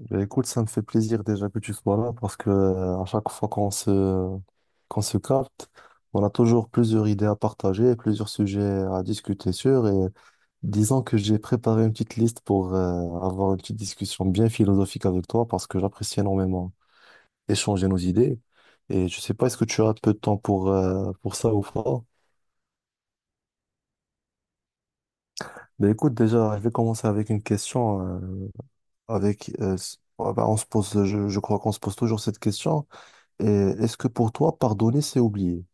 Ben, écoute, ça me fait plaisir déjà que tu sois là parce que à chaque fois qu'on se capte, on a toujours plusieurs idées à partager, plusieurs sujets à discuter sur. Et disons que j'ai préparé une petite liste pour avoir une petite discussion bien philosophique avec toi parce que j'apprécie énormément échanger nos idées. Et je sais pas, est-ce que tu as un peu de temps pour ça ou pas? Ben écoute, déjà, je vais commencer avec une question avec ben, on se pose, je crois qu'on se pose toujours cette question. Et est-ce que pour toi, pardonner, c'est oublier?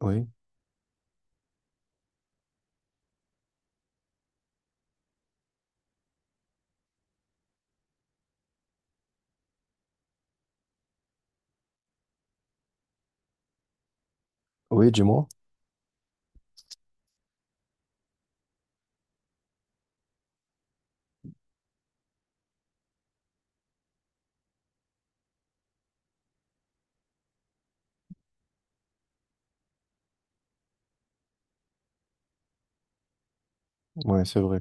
Oui, oui, dis-moi. Oui, c'est vrai.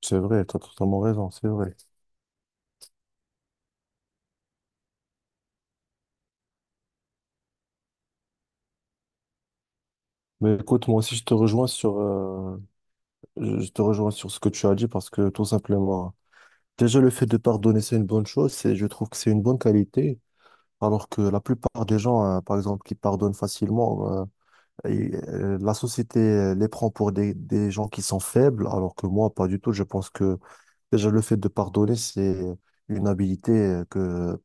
C'est vrai, tu as totalement raison, c'est vrai. Mais écoute, moi aussi, je te rejoins je te rejoins sur ce que tu as dit parce que tout simplement, déjà le fait de pardonner, c'est une bonne chose. C'est, je trouve que c'est une bonne qualité. Alors que la plupart des gens, par exemple, qui pardonnent facilement, euh. La société les prend pour des gens qui sont faibles, alors que moi, pas du tout. Je pense que déjà le fait de pardonner, c'est une habilité que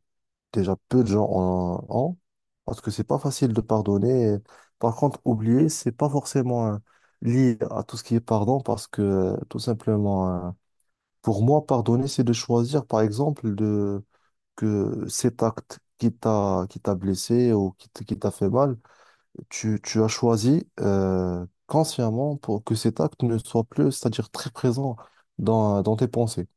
déjà peu de gens ont, parce que c'est pas facile de pardonner. Par contre, oublier, c'est pas forcément lié à tout ce qui est pardon, parce que tout simplement, pour moi, pardonner, c'est de choisir, par exemple, de que cet acte qui t'a blessé ou qui qui t'a fait mal, tu as choisi consciemment pour que cet acte ne soit plus, c'est-à-dire très présent dans, dans tes pensées.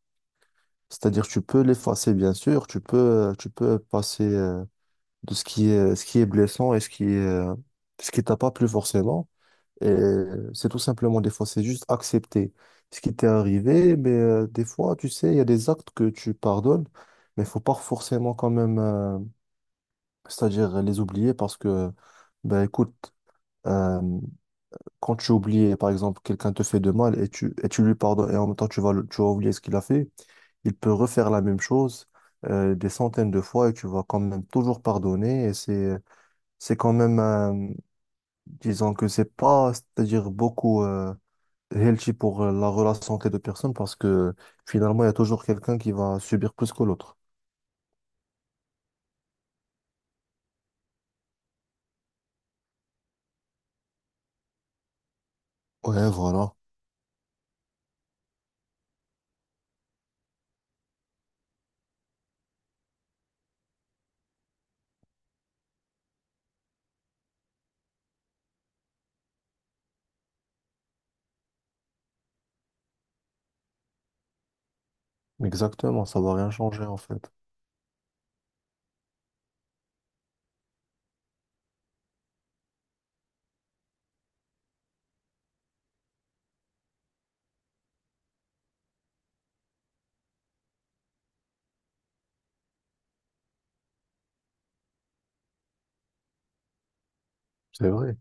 C'est-à-dire tu peux l'effacer, bien sûr, tu peux passer de ce qui est blessant et ce qui est, ce qui t'a pas plu forcément. Et c'est tout simplement des fois, c'est juste accepter ce qui t'est arrivé, mais des fois, tu sais, il y a des actes que tu pardonnes, mais il faut pas forcément quand même, c'est-à-dire les oublier parce que, ben écoute, euh, quand tu oublies, par exemple, quelqu'un te fait de mal et tu lui pardonnes et en même temps tu vas, tu vas oublier ce qu'il a fait, il peut refaire la même chose des centaines de fois et tu vas quand même toujours pardonner. Et c'est quand même, un- disons que c'est pas, c'est-à-dire beaucoup healthy pour la relation entre les deux personnes parce que finalement, il y a toujours quelqu'un qui va subir plus que l'autre. Ouais, voilà. Exactement, ça va rien changer en fait. C'est vrai.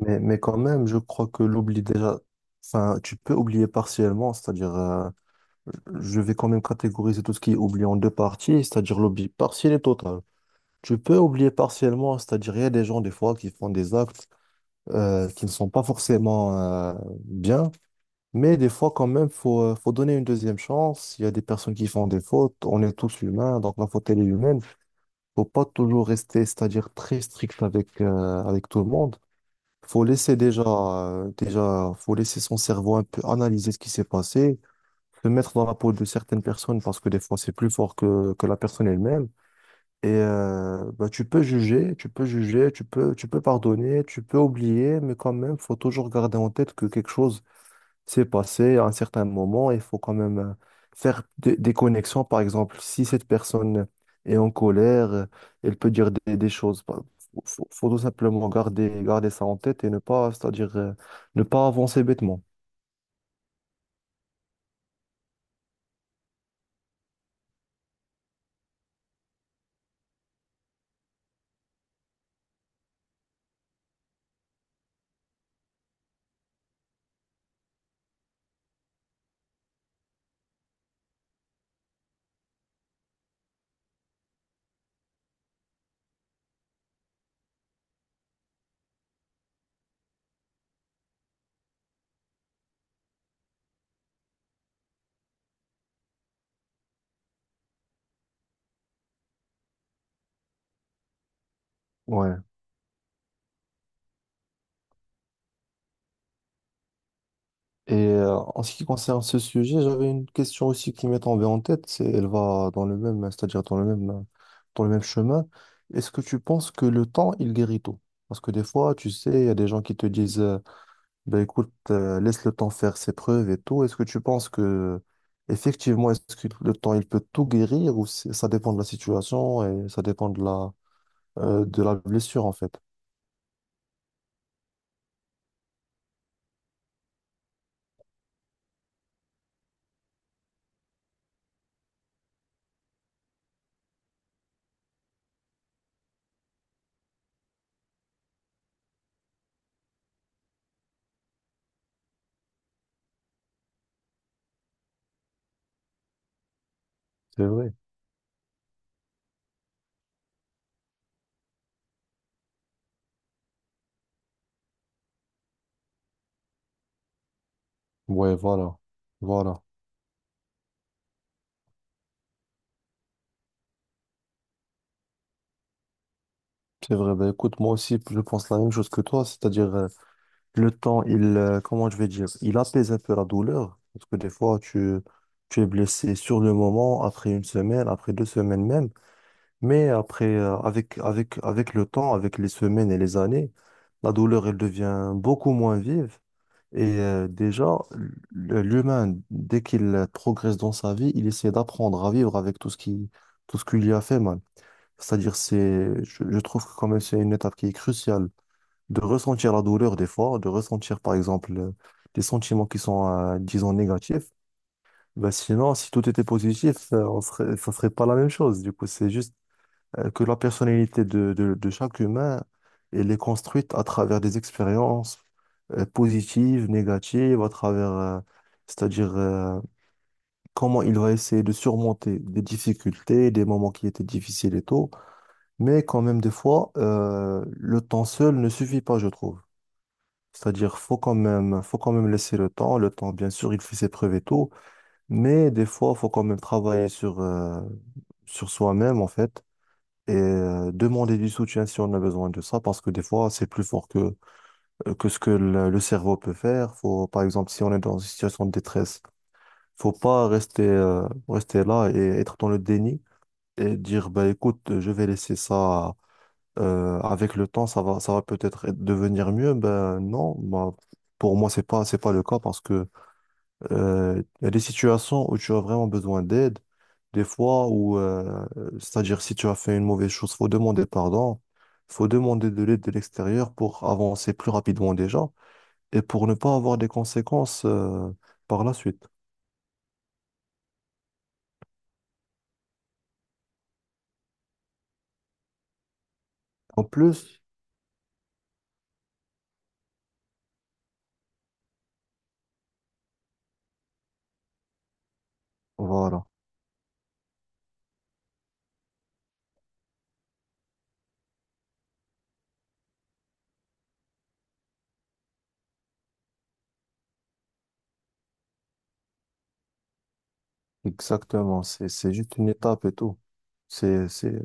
Mais quand même, je crois que l'oubli déjà, enfin, tu peux oublier partiellement, c'est-à-dire, je vais quand même catégoriser tout ce qui est oubli en deux parties, c'est-à-dire l'oubli partiel et total. Tu peux oublier partiellement, c'est-à-dire, il y a des gens, des fois, qui font des actes qui ne sont pas forcément euh, bien, mais des fois, quand même, faut, faut donner une deuxième chance. Il y a des personnes qui font des fautes, on est tous humains, donc la faute, elle est humaine. Faut pas toujours rester, c'est-à-dire, très strict avec, avec tout le monde. Faut laisser déjà, déjà, faut laisser son cerveau un peu analyser ce qui s'est passé, se mettre dans la peau de certaines personnes parce que des fois c'est plus fort que la personne elle-même. Et bah, tu peux juger, tu peux juger, tu peux pardonner, tu peux oublier, mais quand même, faut toujours garder en tête que quelque chose c'est passé à un certain moment, il faut quand même faire des connexions. Par exemple, si cette personne est en colère, elle peut dire des choses. Il faut, faut tout simplement garder, garder ça en tête et ne pas, c'est-à-dire, ne pas avancer bêtement. Ouais. Et en ce qui concerne ce sujet, j'avais une question aussi qui m'est tombée en tête. C'est, elle va dans le même, c'est-à-dire dans le même chemin. Est-ce que tu penses que le temps, il guérit tout? Parce que des fois, tu sais, il y a des gens qui te disent ben écoute, laisse le temps faire ses preuves et tout. Est-ce que tu penses que, effectivement, est-ce que le temps, il peut tout guérir ou ça dépend de la situation et ça dépend de la blessure, en fait? C'est vrai. Ouais, voilà. Voilà. C'est vrai. Ben écoute, moi aussi, je pense la même chose que toi, c'est-à-dire, le temps, il, comment je vais dire, il apaise un peu la douleur parce que des fois, tu es blessé sur le moment, après une semaine, après deux semaines même. Mais après, avec, avec, avec le temps, avec les semaines et les années, la douleur, elle devient beaucoup moins vive. Et déjà, l'humain, dès qu'il progresse dans sa vie, il essaie d'apprendre à vivre avec tout ce qui lui a fait mal. C'est-à-dire, c'est, je trouve que quand même, c'est une étape qui est cruciale de ressentir la douleur des fois, de ressentir, par exemple, des sentiments qui sont, disons, négatifs. Ben sinon, si tout était positif, on serait, ça serait pas la même chose. Du coup, c'est juste que la personnalité de chaque humain, elle est construite à travers des expériences positives, négatives, à travers, c'est-à-dire comment il va essayer de surmonter des difficultés, des moments qui étaient difficiles et tout. Mais quand même, des fois, le temps seul ne suffit pas, je trouve. C'est-à-dire, faut quand même laisser le temps. Le temps, bien sûr, il fait ses preuves et tout, mais des fois, faut quand même travailler sur, sur soi-même, en fait, et demander du soutien si on a besoin de ça, parce que des fois, c'est plus fort que ce que le cerveau peut faire. Faut, par exemple, si on est dans une situation de détresse, faut pas rester, rester là et être dans le déni et dire, bah, écoute, je vais laisser ça avec le temps, ça va peut-être devenir mieux. Ben non, bah, pour moi, c'est pas le cas parce que il y a des situations où tu as vraiment besoin d'aide, des fois où, c'est-à-dire si tu as fait une mauvaise chose, faut demander pardon, faut demander de l'aide de l'extérieur pour avancer plus rapidement déjà et pour ne pas avoir des conséquences, par la suite. En plus, voilà, exactement, c'est juste une étape et tout. C'est, c'est,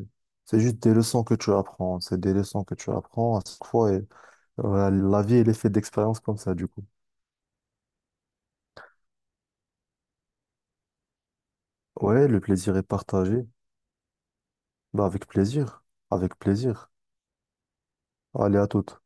c'est juste des leçons que tu apprends, c'est des leçons que tu apprends à chaque fois et, la vie, elle est faite d'expériences comme ça, du coup. Ouais, le plaisir est partagé. Bah avec plaisir, avec plaisir. Allez, à toutes.